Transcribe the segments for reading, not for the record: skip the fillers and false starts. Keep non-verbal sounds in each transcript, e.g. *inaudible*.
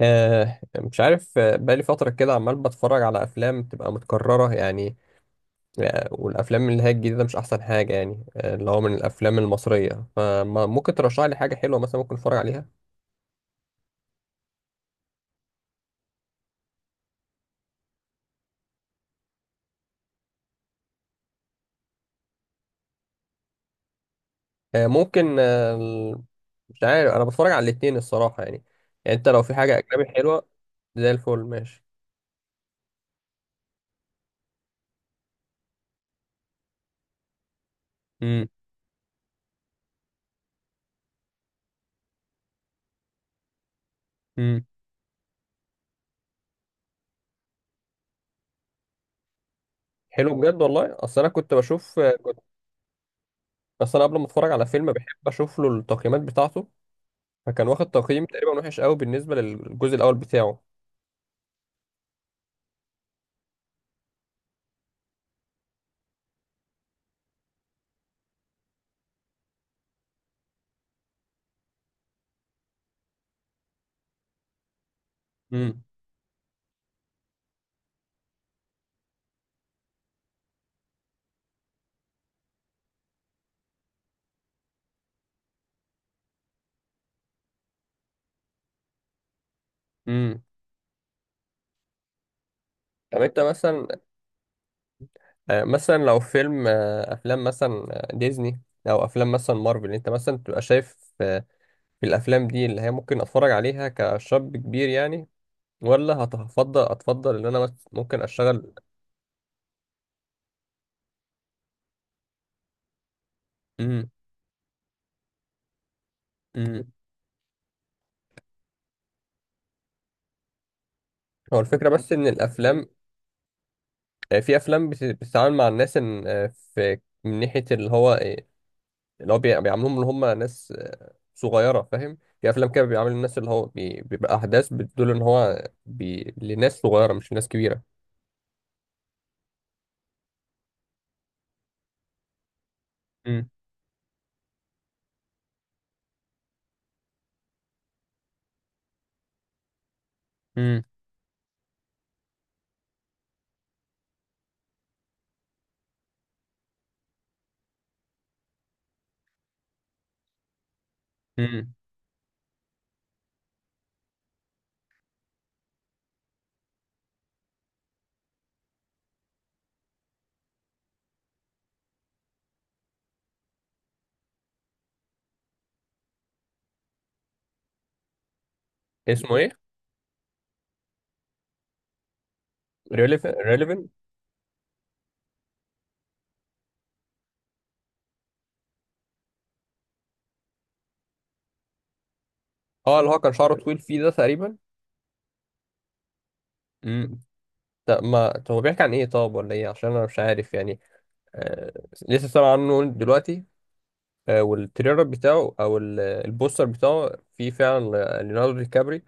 مش عارف، بقالي فترة كده عمال بتفرج على أفلام بتبقى متكررة يعني. والأفلام اللي هي الجديدة مش أحسن حاجة يعني. اللي هو من الأفلام المصرية، فممكن ترشح لي حاجة حلوة مثلا ممكن أتفرج عليها؟ ممكن. مش عارف، أنا بتفرج على الاتنين الصراحة يعني. يعني أنت لو في حاجة أجنبي حلوة، زي الفل ماشي. امم. امم. حلو بجد والله. أصل أنا كنت بشوف، آه، كنت بس أنا قبل ما أتفرج على فيلم بحب أشوف له التقييمات بتاعته. فكان واخد تقييم تقريبا وحش قوي بالنسبة للجزء الأول بتاعه. امم. امم. طب انت مثلا، مثلا لو فيلم، افلام مثلا، ديزني، او افلام مثلا مارفل، انت مثلا تبقى شايف في الافلام دي اللي هي ممكن اتفرج عليها كشاب كبير يعني؟ ولا هتفضل ان انا بس ممكن اشتغل؟ امم. امم. هو الفكره بس ان الافلام، في افلام بتتعامل مع الناس ان، في من ناحيه اللي هو، بيعاملوهم ان هم ناس صغيره، فاهم؟ في افلام كده بيعاملوا الناس بيبقى احداث بتدل ان هو لناس صغيره مش لناس كبيره. امم. امم. امم. اسمه ايه؟ ريليفن. اه، اللي هو كان شعره طويل فيه ده تقريبا. امم. طب ما طب هو بيحكي عن ايه؟ طب ولا ايه؟ عشان انا مش عارف يعني. آه... لسه سامع عنه دلوقتي. والتريلر بتاعه او البوستر بتاعه فيه فعلا ليوناردو دي كابري.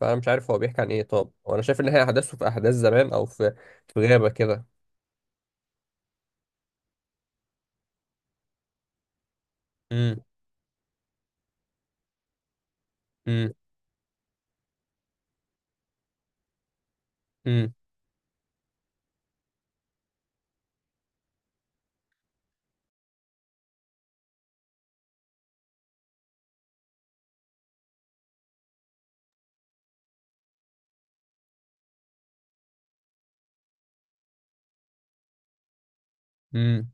فانا مش عارف هو بيحكي عن ايه؟ طب وانا شايف ان هي احداثه في احداث زمان او في غابه كده. امم. امم. امم. امم.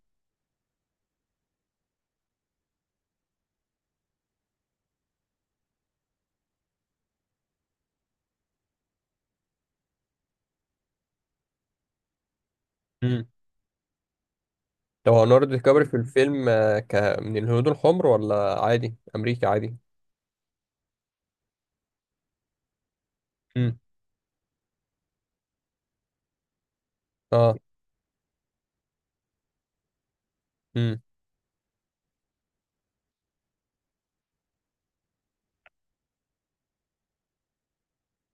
امم. لو هو ليوناردو دي كابري في الفيلم، آه، ك من الهنود الحمر ولا عادي امريكي عادي؟ امم. اه. امم.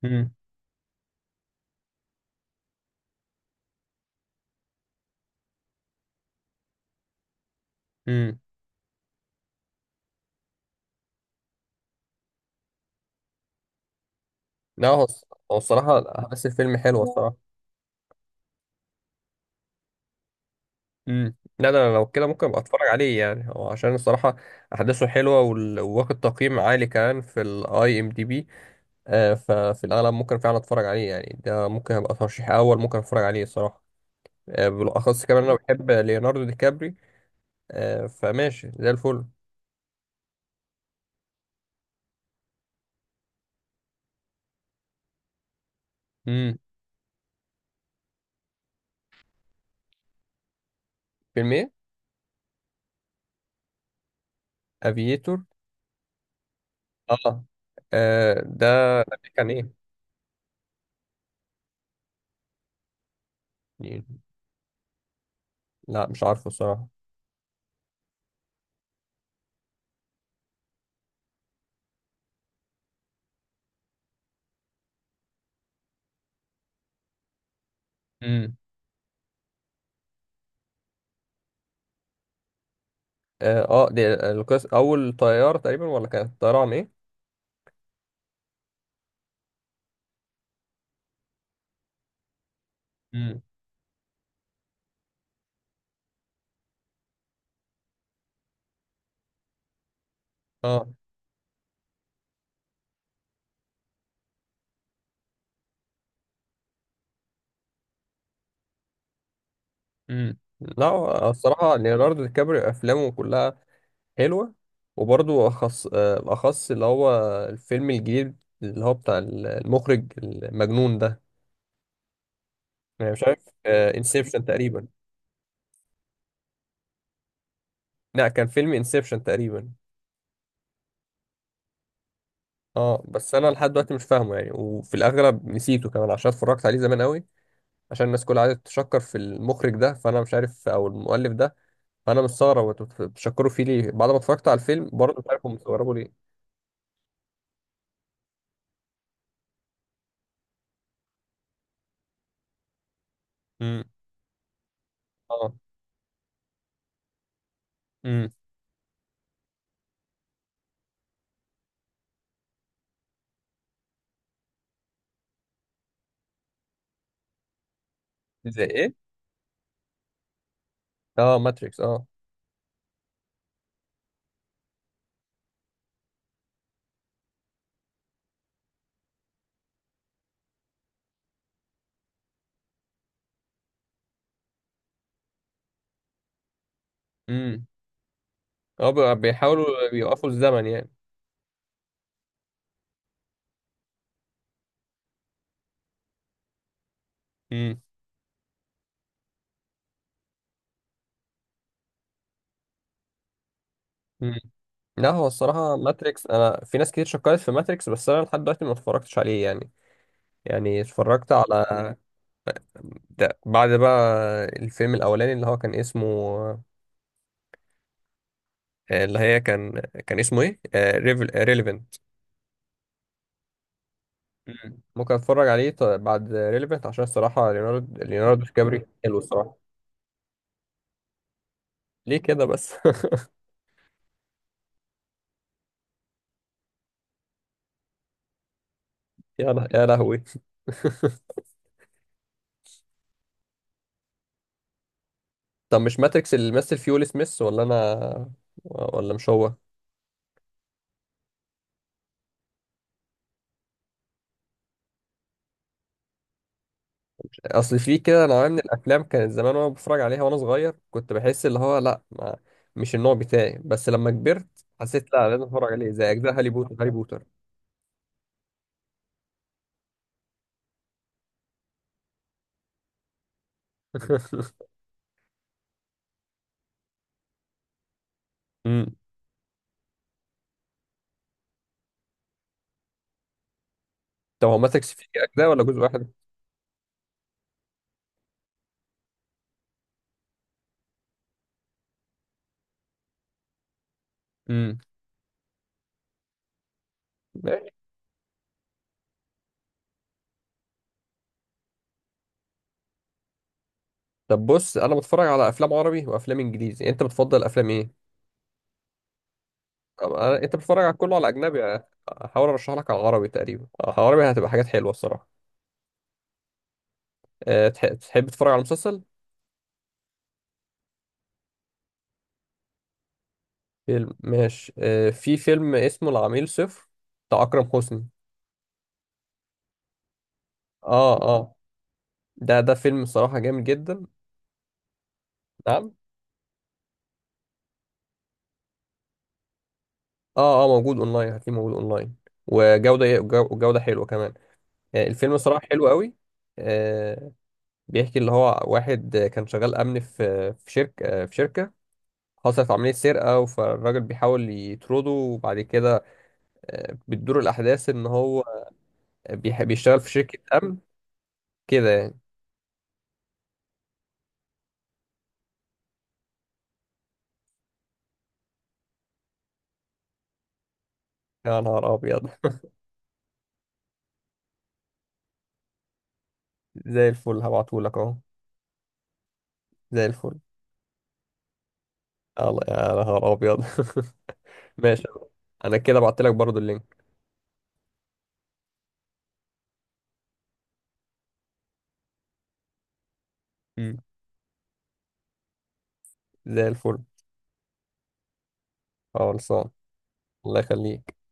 امم. امم. لا، هو الصراحه احداث الفيلم حلوه الصراحه. امم. لا ده انا لو كده ممكن ابقى اتفرج عليه يعني، هو عشان الصراحه احداثه حلوه، وواخد تقييم عالي كمان في الIMDb. ففي الأغلب ممكن فعلا أتفرج عليه يعني، ده ممكن أبقى ترشيح أول ممكن أتفرج عليه الصراحة. بالأخص كمان أنا بحب ليوناردو دي كابري. فماشي زي الفل. امم. فيلم إيه؟ أفييتور. آه. ده كان، إيه؟ لا مش عارفه الصراحة. امم. دي القصة أول طيارة تقريبا، ولا كانت طيارة عن إيه؟ امم. آه. امم. لا هو الصراحة ليوناردو دي كابري أفلامه كلها حلوة، وبرضو أخص اللي هو الفيلم الجديد، اللي هو بتاع المخرج المجنون ده، أنا مش عارف، انسبشن تقريبا. لا، كان فيلم انسبشن تقريبا. اه، بس انا لحد دلوقتي مش فاهمه يعني، وفي الاغلب نسيته كمان عشان اتفرجت عليه زمان قوي. عشان الناس كلها قاعده تشكر في المخرج ده، فانا مش عارف، او المؤلف ده، فانا مستغرب انتوا بتشكروا فيه ليه بعد ما اتفرجت على الفيلم. برضه مش عارف هم مستغربوا ليه. امم. اه. امم. زي ايه؟ اه، ماتريكس. اه. بيحاولوا بيوقفوا الزمن يعني. امم. امم. لا هو الصراحة ماتريكس، أنا في ناس كتير شكرت في ماتريكس، بس أنا لحد دلوقتي ما اتفرجتش عليه يعني. يعني اتفرجت على ده بعد بقى، الفيلم الأولاني اللي هو كان اسمه، آه، اللي هي كان كان اسمه إيه؟ ريليفنت. مم. ممكن أتفرج عليه بعد ريليفنت عشان الصراحة ليوناردو ديكابري حلو الصراحة. ليه كده بس؟ *laughs* يا لهوي! *laughs* طب مش ماتريكس اللي مثل فيه ويل سميث؟ ولا أنا، ولا مش هو؟ اصل في كده نوعيه من الافلام كانت زمان وانا بتفرج عليها، وانا صغير كنت بحس اللي هو لا، ما مش النوع بتاعي. بس لما كبرت حسيت لا، لازم اتفرج عليه، زي اجزاء هاري بوتر. هاري بوتر. *laughs* امم. طب هو ماتت في اجزاء ولا جزء واحد؟ امم. ماشي. طب بص، انا بتفرج على افلام عربي وافلام انجليزي، انت بتفضل افلام ايه؟ انت بتتفرج على كله على اجنبي؟ احاول ارشح لك على عربي تقريبا. عربي هتبقى حاجات حلوه الصراحه. تحب تتفرج على مسلسل؟ فيلم ماشي. في فيلم اسمه العميل صفر بتاع اكرم حسني. اه اه، ده فيلم صراحة جامد جدا. نعم. اه اه، موجود اونلاين، هتلاقيه موجود اونلاين. وجودة حلوة كمان. يعني الفيلم صراحة حلو قوي. آه بيحكي اللي هو واحد، كان شغال امن في شركة، في شركة حصلت عملية سرقة، فالراجل بيحاول يطرده، وبعد كده بتدور الأحداث إن هو بيشتغل في شركة أمن كده يعني. يا نهار أبيض! *laughs* زي الفل، هبعتهولك أهو. زي الفل. يلا يا نهار أبيض! *laughs* ماشي، انا كده بعت لك برضو اللينك. مم. زي الفل. اه خلصان. الله يخليك.